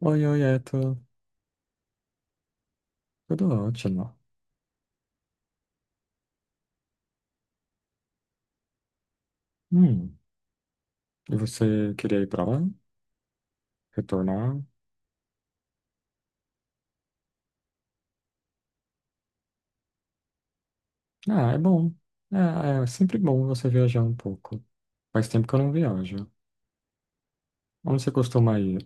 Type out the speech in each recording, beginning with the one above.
Oi, oi, Eto. Tudo ótimo. Hum, e você queria ir pra lá? Retornar? Ah, é bom. É, é sempre bom você viajar um pouco. Faz tempo que eu não viajo. Onde você costuma ir?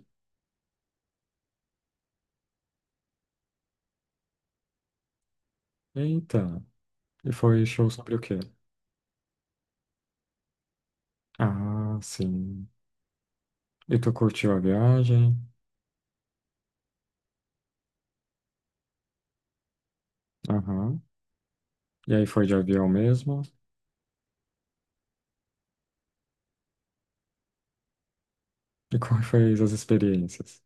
Eita, e foi show sobre o quê? Ah, sim. E tu curtiu a viagem? Aham. E aí foi de avião mesmo? E como foi as experiências?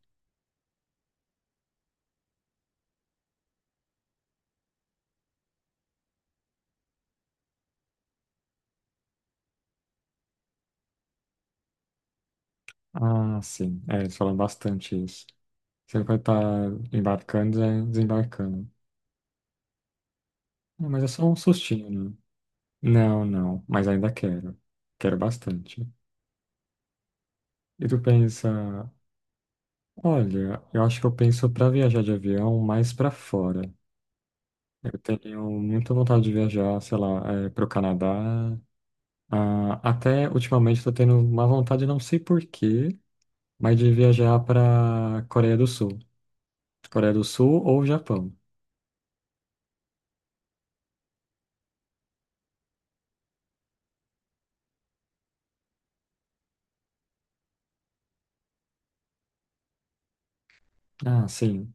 Ah, sim. É, eles falam bastante isso. Você vai estar embarcando e desembarcando. Não, mas é só um sustinho, né? Não, mas ainda quero. Quero bastante. E tu pensa, olha, eu acho que eu penso pra viajar de avião mais pra fora. Eu tenho muita vontade de viajar, sei lá, é, pro Canadá. Ah, até ultimamente tô tendo uma vontade, não sei por quê, mas de viajar pra Coreia do Sul. Coreia do Sul ou Japão. Ah, sim.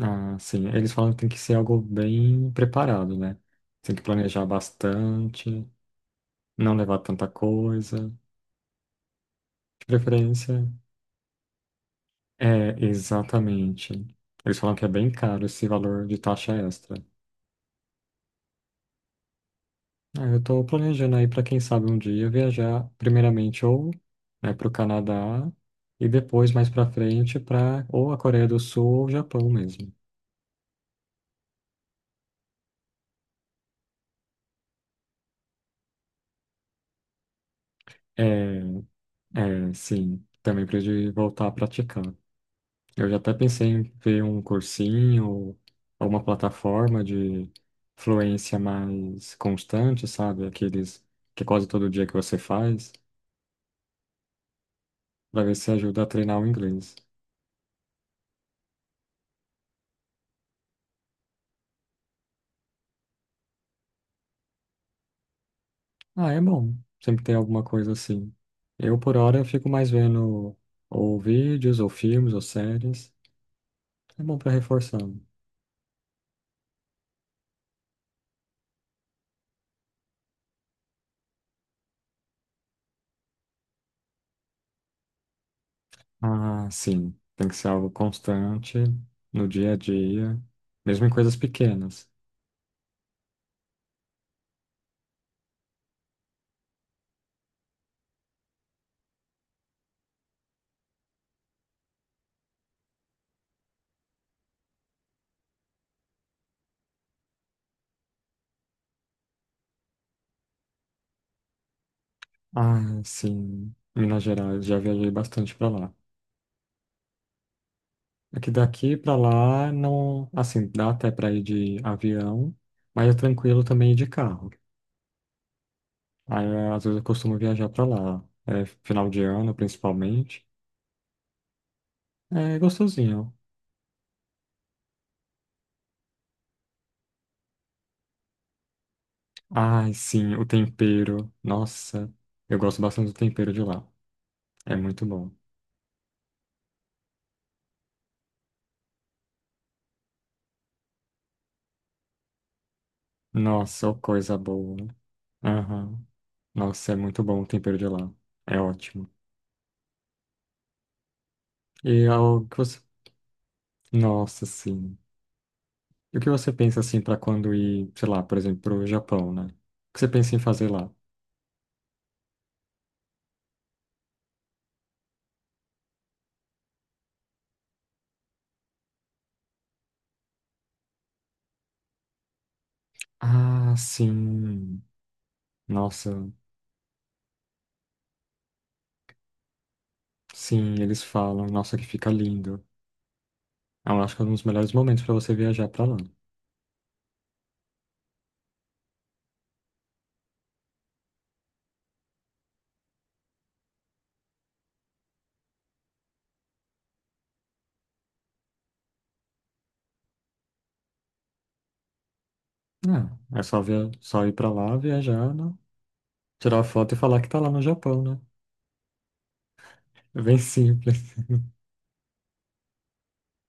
Ah, sim. Eles falam que tem que ser algo bem preparado, né? Tem que planejar bastante. Não levar tanta coisa, de preferência. É, exatamente. Eles falam que é bem caro esse valor de taxa extra. Ah, eu estou planejando aí para quem sabe um dia viajar primeiramente ou né para o Canadá e depois mais para frente para ou a Coreia do Sul ou o Japão mesmo. É, sim, também preciso voltar a praticar. Eu já até pensei em ver um cursinho ou uma plataforma de fluência mais constante, sabe? Aqueles que é quase todo dia que você faz, para ver se ajuda a treinar o inglês. Ah, é bom. Sempre tem alguma coisa assim. Eu, por hora, fico mais vendo ou vídeos, ou filmes, ou séries. É bom para reforçar. Ah, sim. Tem que ser algo constante, no dia a dia, mesmo em coisas pequenas. Ah, sim, Minas Gerais, já viajei bastante para lá. É que daqui para lá não, assim, dá até para ir de avião, mas é tranquilo também ir de carro. Aí é, às vezes eu costumo viajar para lá, é, final de ano principalmente. É gostosinho. Ai, sim, o tempero. Nossa, eu gosto bastante do tempero de lá. É muito bom. Nossa, ô coisa boa. Aham. Nossa, é muito bom o tempero de lá. É ótimo. E é algo que você. Nossa, sim. E o que você pensa assim para quando ir, sei lá, por exemplo, para o Japão, né? O que você pensa em fazer lá? Ah, sim. Nossa, sim, eles falam. Nossa, que fica lindo. Eu acho que é um dos melhores momentos para você viajar para lá. Não, é só via... só ir para lá, viajar, né? Tirar foto e falar que tá lá no Japão, né? É bem simples.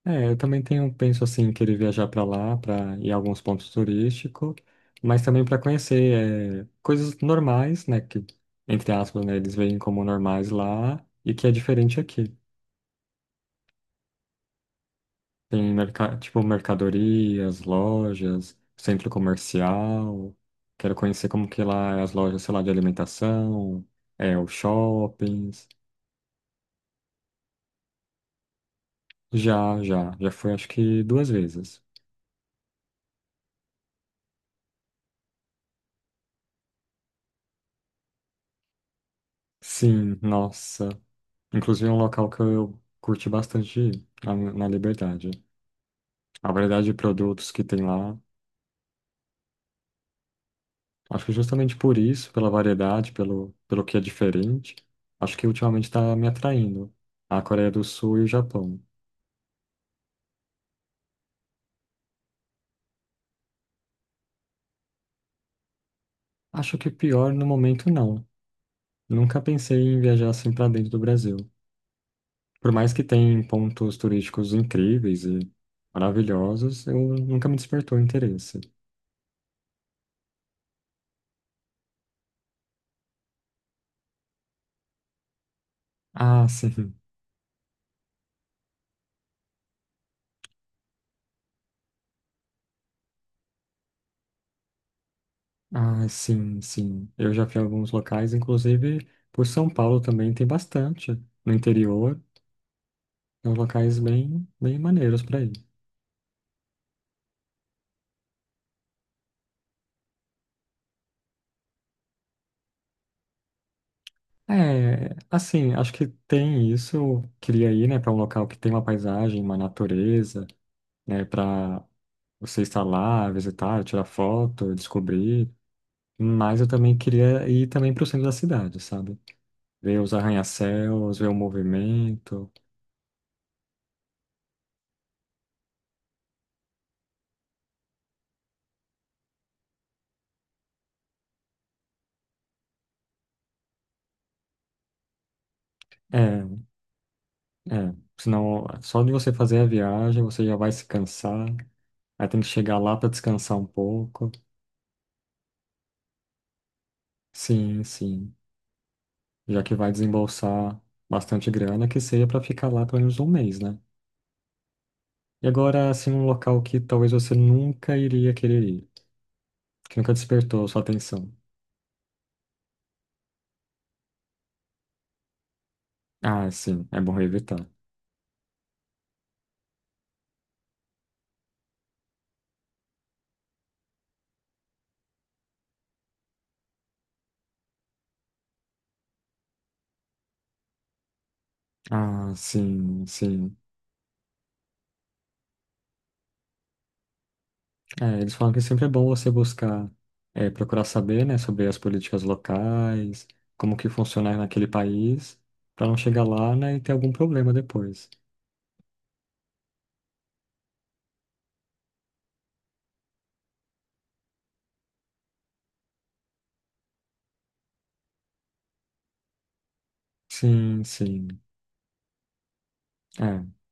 É, eu também tenho, penso assim, em querer viajar para lá, para ir a alguns pontos turísticos, mas também para conhecer é, coisas normais, né, que, entre aspas, né, eles veem como normais lá e que é diferente aqui. Tem, merca tipo, mercadorias, lojas, centro comercial, quero conhecer como que lá é as lojas, sei lá, de alimentação, é, os shoppings. Já fui acho que duas vezes. Sim, nossa. Inclusive, é um local que eu curti bastante ir, na Liberdade. A variedade de produtos que tem lá. Acho que justamente por isso, pela variedade, pelo que é diferente, acho que ultimamente está me atraindo a Coreia do Sul e o Japão. Acho que pior no momento não. Nunca pensei em viajar assim para dentro do Brasil. Por mais que tenha pontos turísticos incríveis e maravilhosos, eu nunca me despertou interesse. Ah, sim. Ah, sim, sim. Eu já fui a alguns locais, inclusive por São Paulo também tem bastante no interior. Tem uns locais bem, bem maneiros para ir. É, assim, acho que tem isso. Eu queria ir, né, para um local que tem uma paisagem, uma natureza, né, para você estar lá, visitar, tirar foto, descobrir. Mas eu também queria ir também para o centro da cidade, sabe? Ver os arranha-céus, ver o movimento. É, É, senão só de você fazer a viagem você já vai se cansar, aí tem que chegar lá para descansar um pouco. Sim, sim. Já que vai desembolsar bastante grana, que seja para ficar lá pelo menos um mês, né? E agora, assim, um local que talvez você nunca iria querer ir, que nunca despertou a sua atenção. Ah, sim, é bom evitar. Ah, sim, sim. É, eles falam que sempre é bom você buscar, é, procurar saber, né, sobre as políticas locais, como que funciona naquele país, para não chegar lá, né, e ter algum problema depois. Sim, sim. É,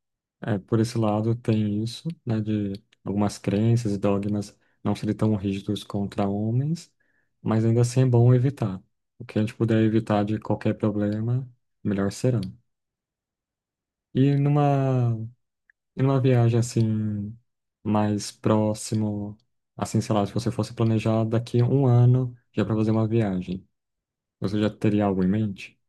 é, por esse lado tem isso, né, de algumas crenças e dogmas não serem tão rígidos contra homens, mas ainda assim é bom evitar. O que a gente puder evitar de qualquer problema, melhor será. E numa E numa viagem assim, mais próximo, assim, sei lá, se você fosse planejar daqui a um ano já para fazer uma viagem, você já teria algo em mente?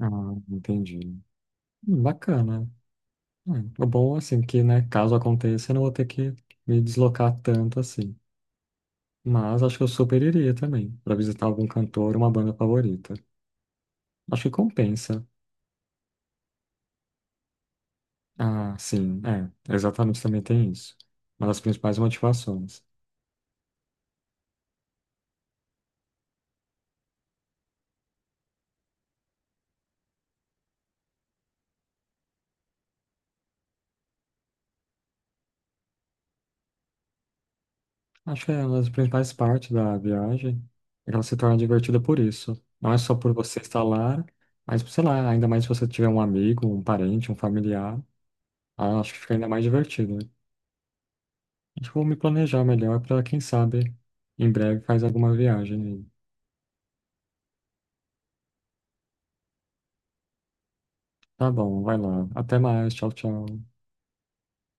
Ah, entendi. Bacana. O bom, assim, que, né, caso aconteça, eu não vou ter que me deslocar tanto assim. Mas acho que eu super iria também, para visitar algum cantor, uma banda favorita. Acho que compensa. Ah, sim, é, exatamente também tem isso. Uma das principais motivações. Acho que é uma das principais partes da viagem. Ela se torna divertida por isso. Não é só por você estar lá, mas, sei lá, ainda mais se você tiver um amigo, um parente, um familiar. Ah, acho que fica ainda mais divertido, né? Acho que eu vou me planejar melhor para, quem sabe, em breve faz alguma viagem. Tá bom, vai lá. Até mais. Tchau, tchau.